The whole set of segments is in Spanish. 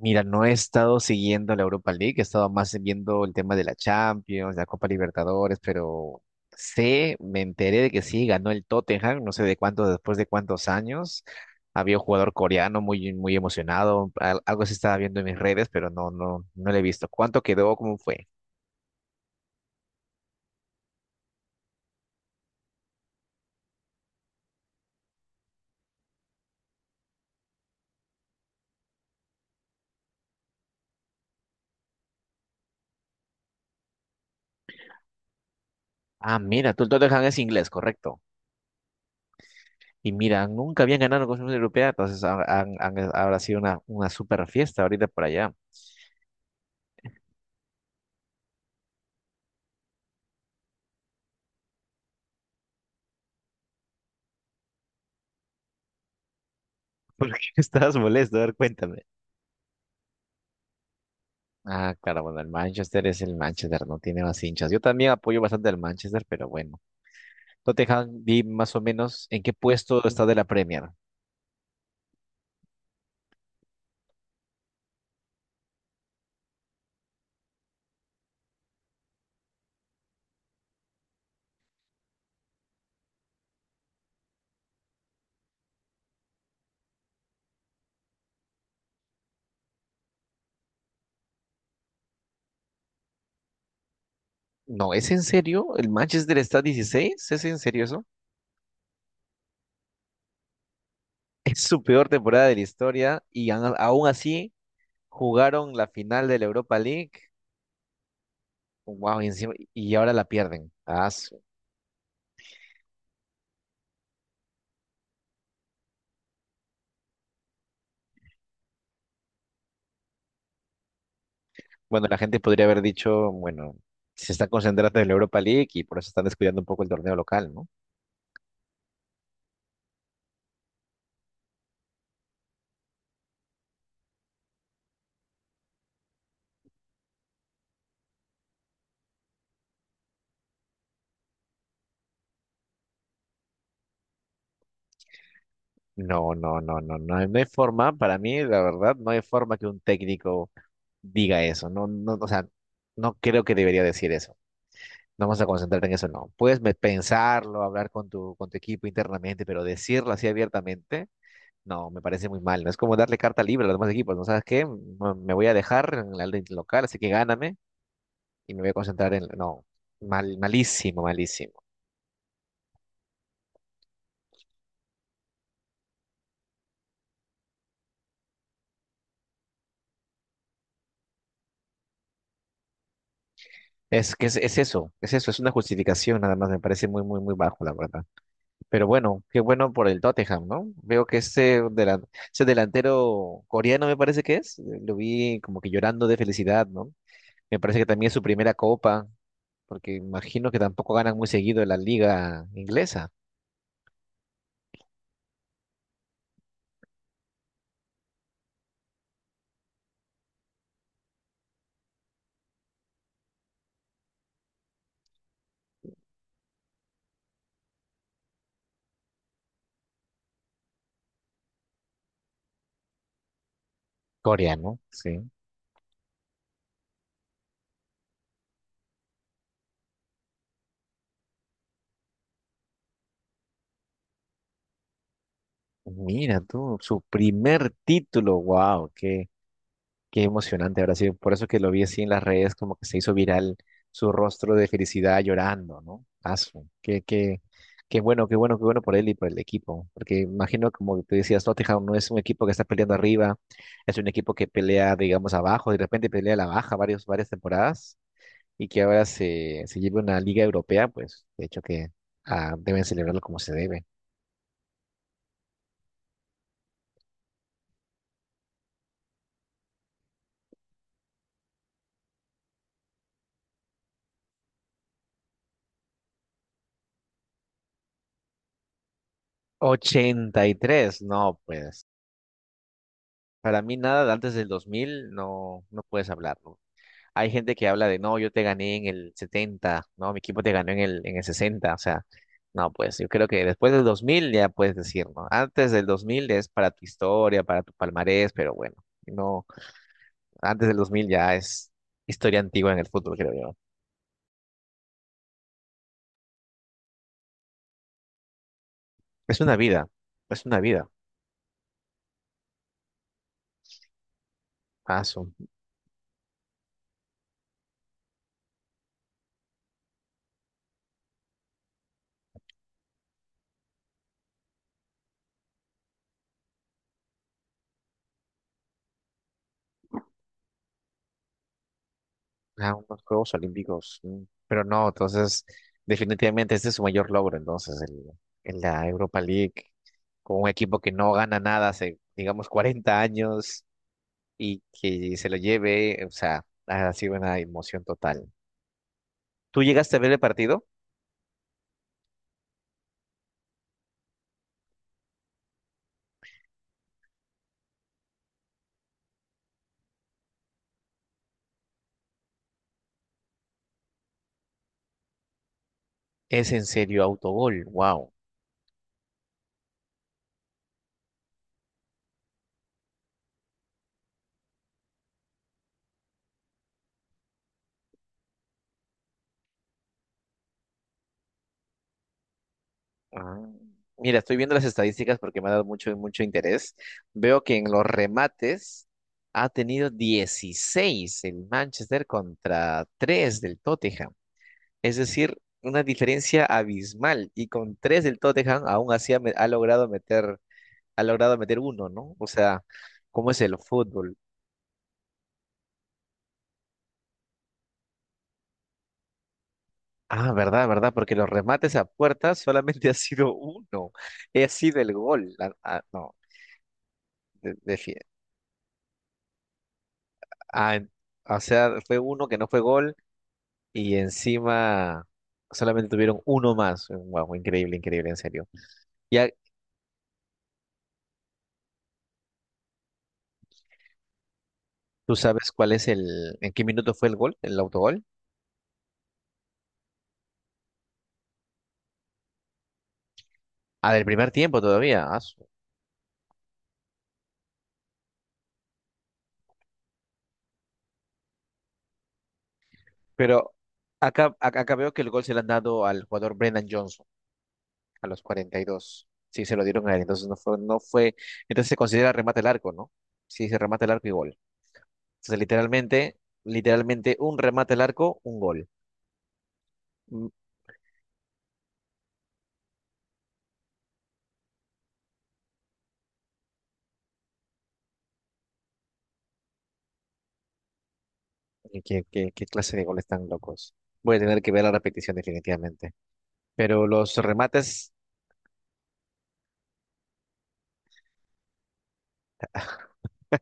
Mira, no he estado siguiendo la Europa League, he estado más viendo el tema de la Champions, la Copa Libertadores, pero sé, me enteré de que sí, ganó el Tottenham, no sé de cuántos, después de cuántos años. Había un jugador coreano muy, muy emocionado, algo se estaba viendo en mis redes, pero no, no, no lo he visto. ¿Cuánto quedó? ¿Cómo fue? Ah, mira, tú el Tottenham es inglés, correcto. Y mira, nunca habían ganado con una Europea, entonces habrá sido una super fiesta ahorita por allá. ¿Por qué estabas molesto? A ver, cuéntame. Ah, claro, bueno, el Manchester es el Manchester, no tiene más hinchas. Yo también apoyo bastante al Manchester, pero bueno. Tottenham, vi más o menos en qué puesto está de la Premier. No, ¿es en serio? ¿El Manchester está 16? ¿Es en serio eso? Es su peor temporada de la historia y aún así jugaron la final de la Europa League. Wow, y encima, y ahora la pierden. Bueno, la gente podría haber dicho, bueno, se está concentrando en la Europa League y por eso están descuidando un poco el torneo local, ¿no? No, no, no, no, no, no hay forma, para mí, la verdad, no hay forma que un técnico diga eso, no, no, o sea, no creo que debería decir eso. No vamos a concentrarte en eso, no. Puedes pensarlo, hablar con tu equipo internamente, pero decirlo así abiertamente, no, me parece muy mal. No es como darle carta libre a los demás equipos, ¿no sabes qué? Me voy a dejar en la liga local, así que gáname y me voy a concentrar en... No, Mal, malísimo, malísimo. Es que es eso, es eso, es una justificación nada más, me parece muy, muy, muy bajo, la verdad. Pero bueno, qué bueno por el Tottenham, ¿no? Veo que ese delantero coreano me parece que es, lo vi como que llorando de felicidad, ¿no? Me parece que también es su primera copa, porque imagino que tampoco ganan muy seguido en la liga inglesa. Coreano, sí. Mira tú, su primer título, wow, qué emocionante habrá sido. Por eso que lo vi así en las redes, como que se hizo viral su rostro de felicidad llorando, ¿no? Asu, qué bueno, qué bueno, qué bueno por él y por el equipo. Porque imagino, como tú decías, Tottenham no es un equipo que está peleando arriba, es un equipo que pelea, digamos, abajo, de repente pelea a la baja varias temporadas y que ahora se lleve una liga europea, pues de hecho que deben celebrarlo como se debe. 83, no, pues. Para mí nada de antes del 2000 no puedes hablar. ¿No? Hay gente que habla de, no, yo te gané en el 70, no, mi equipo te ganó en el 60, o sea, no, pues yo creo que después del 2000 ya puedes decir, ¿no? Antes del 2000 es para tu historia, para tu palmarés, pero bueno, no, antes del 2000 ya es historia antigua en el fútbol, creo yo. Es una vida, es una vida. Ah, son unos Juegos Olímpicos, pero no, entonces, definitivamente este es su mayor logro, entonces, el, en la Europa League, con un equipo que no gana nada hace, digamos, 40 años. Y que se lo lleve, o sea, ha sido una emoción total. ¿Tú llegaste a ver el partido? ¿Es en serio autogol? Wow. Ah, mira, estoy viendo las estadísticas porque me ha dado mucho, mucho interés. Veo que en los remates ha tenido 16 el Manchester contra 3 del Tottenham. Es decir, una diferencia abismal. Y con 3 del Tottenham aún así ha logrado meter uno, ¿no? O sea, ¿cómo es el fútbol? Ah, verdad, verdad, porque los remates a puerta solamente ha sido uno. Ha sido el gol. No, de- defi- ah, en- o sea, fue uno que no fue gol y encima solamente tuvieron uno más. Wow, increíble, increíble, en serio. Ya tú sabes cuál es en qué minuto fue el gol, el autogol. Ah, del primer tiempo todavía. Pero acá veo que el gol se lo han dado al jugador Brennan Johnson. A los 42. Sí, se lo dieron a él. Entonces no fue. Entonces se considera remate al arco, ¿no? Sí, se remate al arco y gol. Entonces, literalmente, literalmente, un remate al arco, un gol. Mm. ¿Qué, qué, qué clase de goles tan locos? Voy a tener que ver la repetición definitivamente. Pero los remates.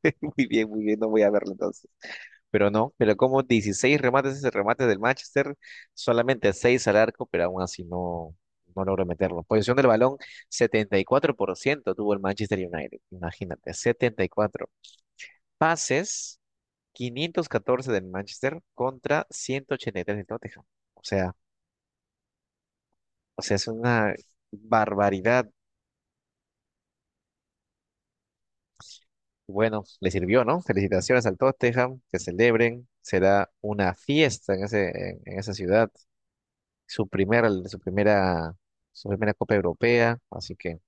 Muy bien, no voy a verlo entonces. Pero no, pero como 16 remates, ese remate del Manchester, solamente 6 al arco, pero aún así no logró meterlo. Posición del balón, 74% tuvo el Manchester United, imagínate, 74. Pases, 514 del Manchester contra 183 del Tottenham. O sea, es una barbaridad. Bueno, le sirvió, ¿no? Felicitaciones al Tottenham, que celebren, será una fiesta en ese, en esa ciudad su primera, su primera, su primera Copa Europea, así que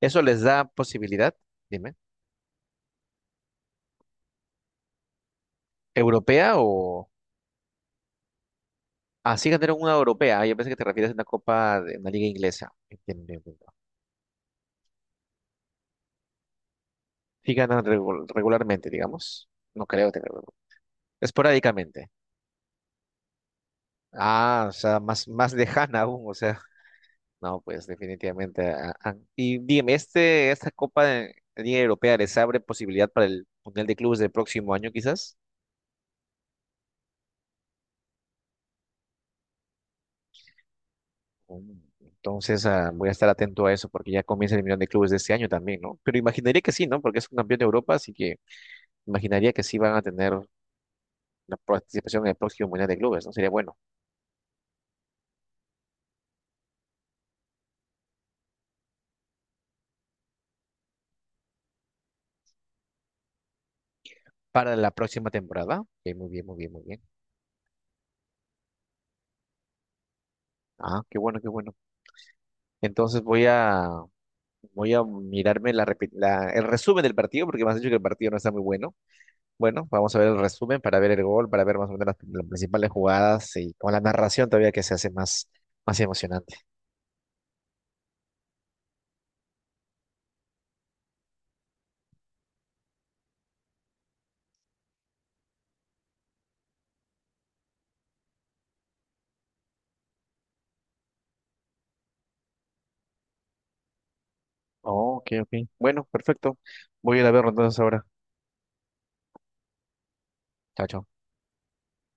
eso les da posibilidad, dime, ¿europea o así ganaron una europea? Ah, yo pensé que te refieres a una Copa de una liga inglesa. Bien, bien, sí ganan regularmente, digamos. No creo que esporádicamente. Ah, o sea, más lejana aún, o sea, no, pues definitivamente. Ah. Y dime, esta Copa de Liga Europea les abre posibilidad para el Mundial de Clubes del próximo año, ¿quizás? Mm, Entonces, voy a estar atento a eso porque ya comienza el Millón de Clubes de este año también, ¿no? Pero imaginaría que sí, ¿no? Porque es un campeón de Europa, así que imaginaría que sí van a tener la participación en el próximo Mundial de Clubes, ¿no? Sería bueno. Para la próxima temporada. Ok, muy bien, muy bien, muy bien. Ah, qué bueno, qué bueno. Entonces voy a mirarme el resumen del partido porque me has dicho que el partido no está muy bueno. Bueno, vamos a ver el resumen para ver el gol, para ver más o menos las principales jugadas y con la narración todavía que se hace más emocionante. Oh, ok, ok. Bueno, perfecto. Voy a ir a verlo entonces ahora. Chao, chao.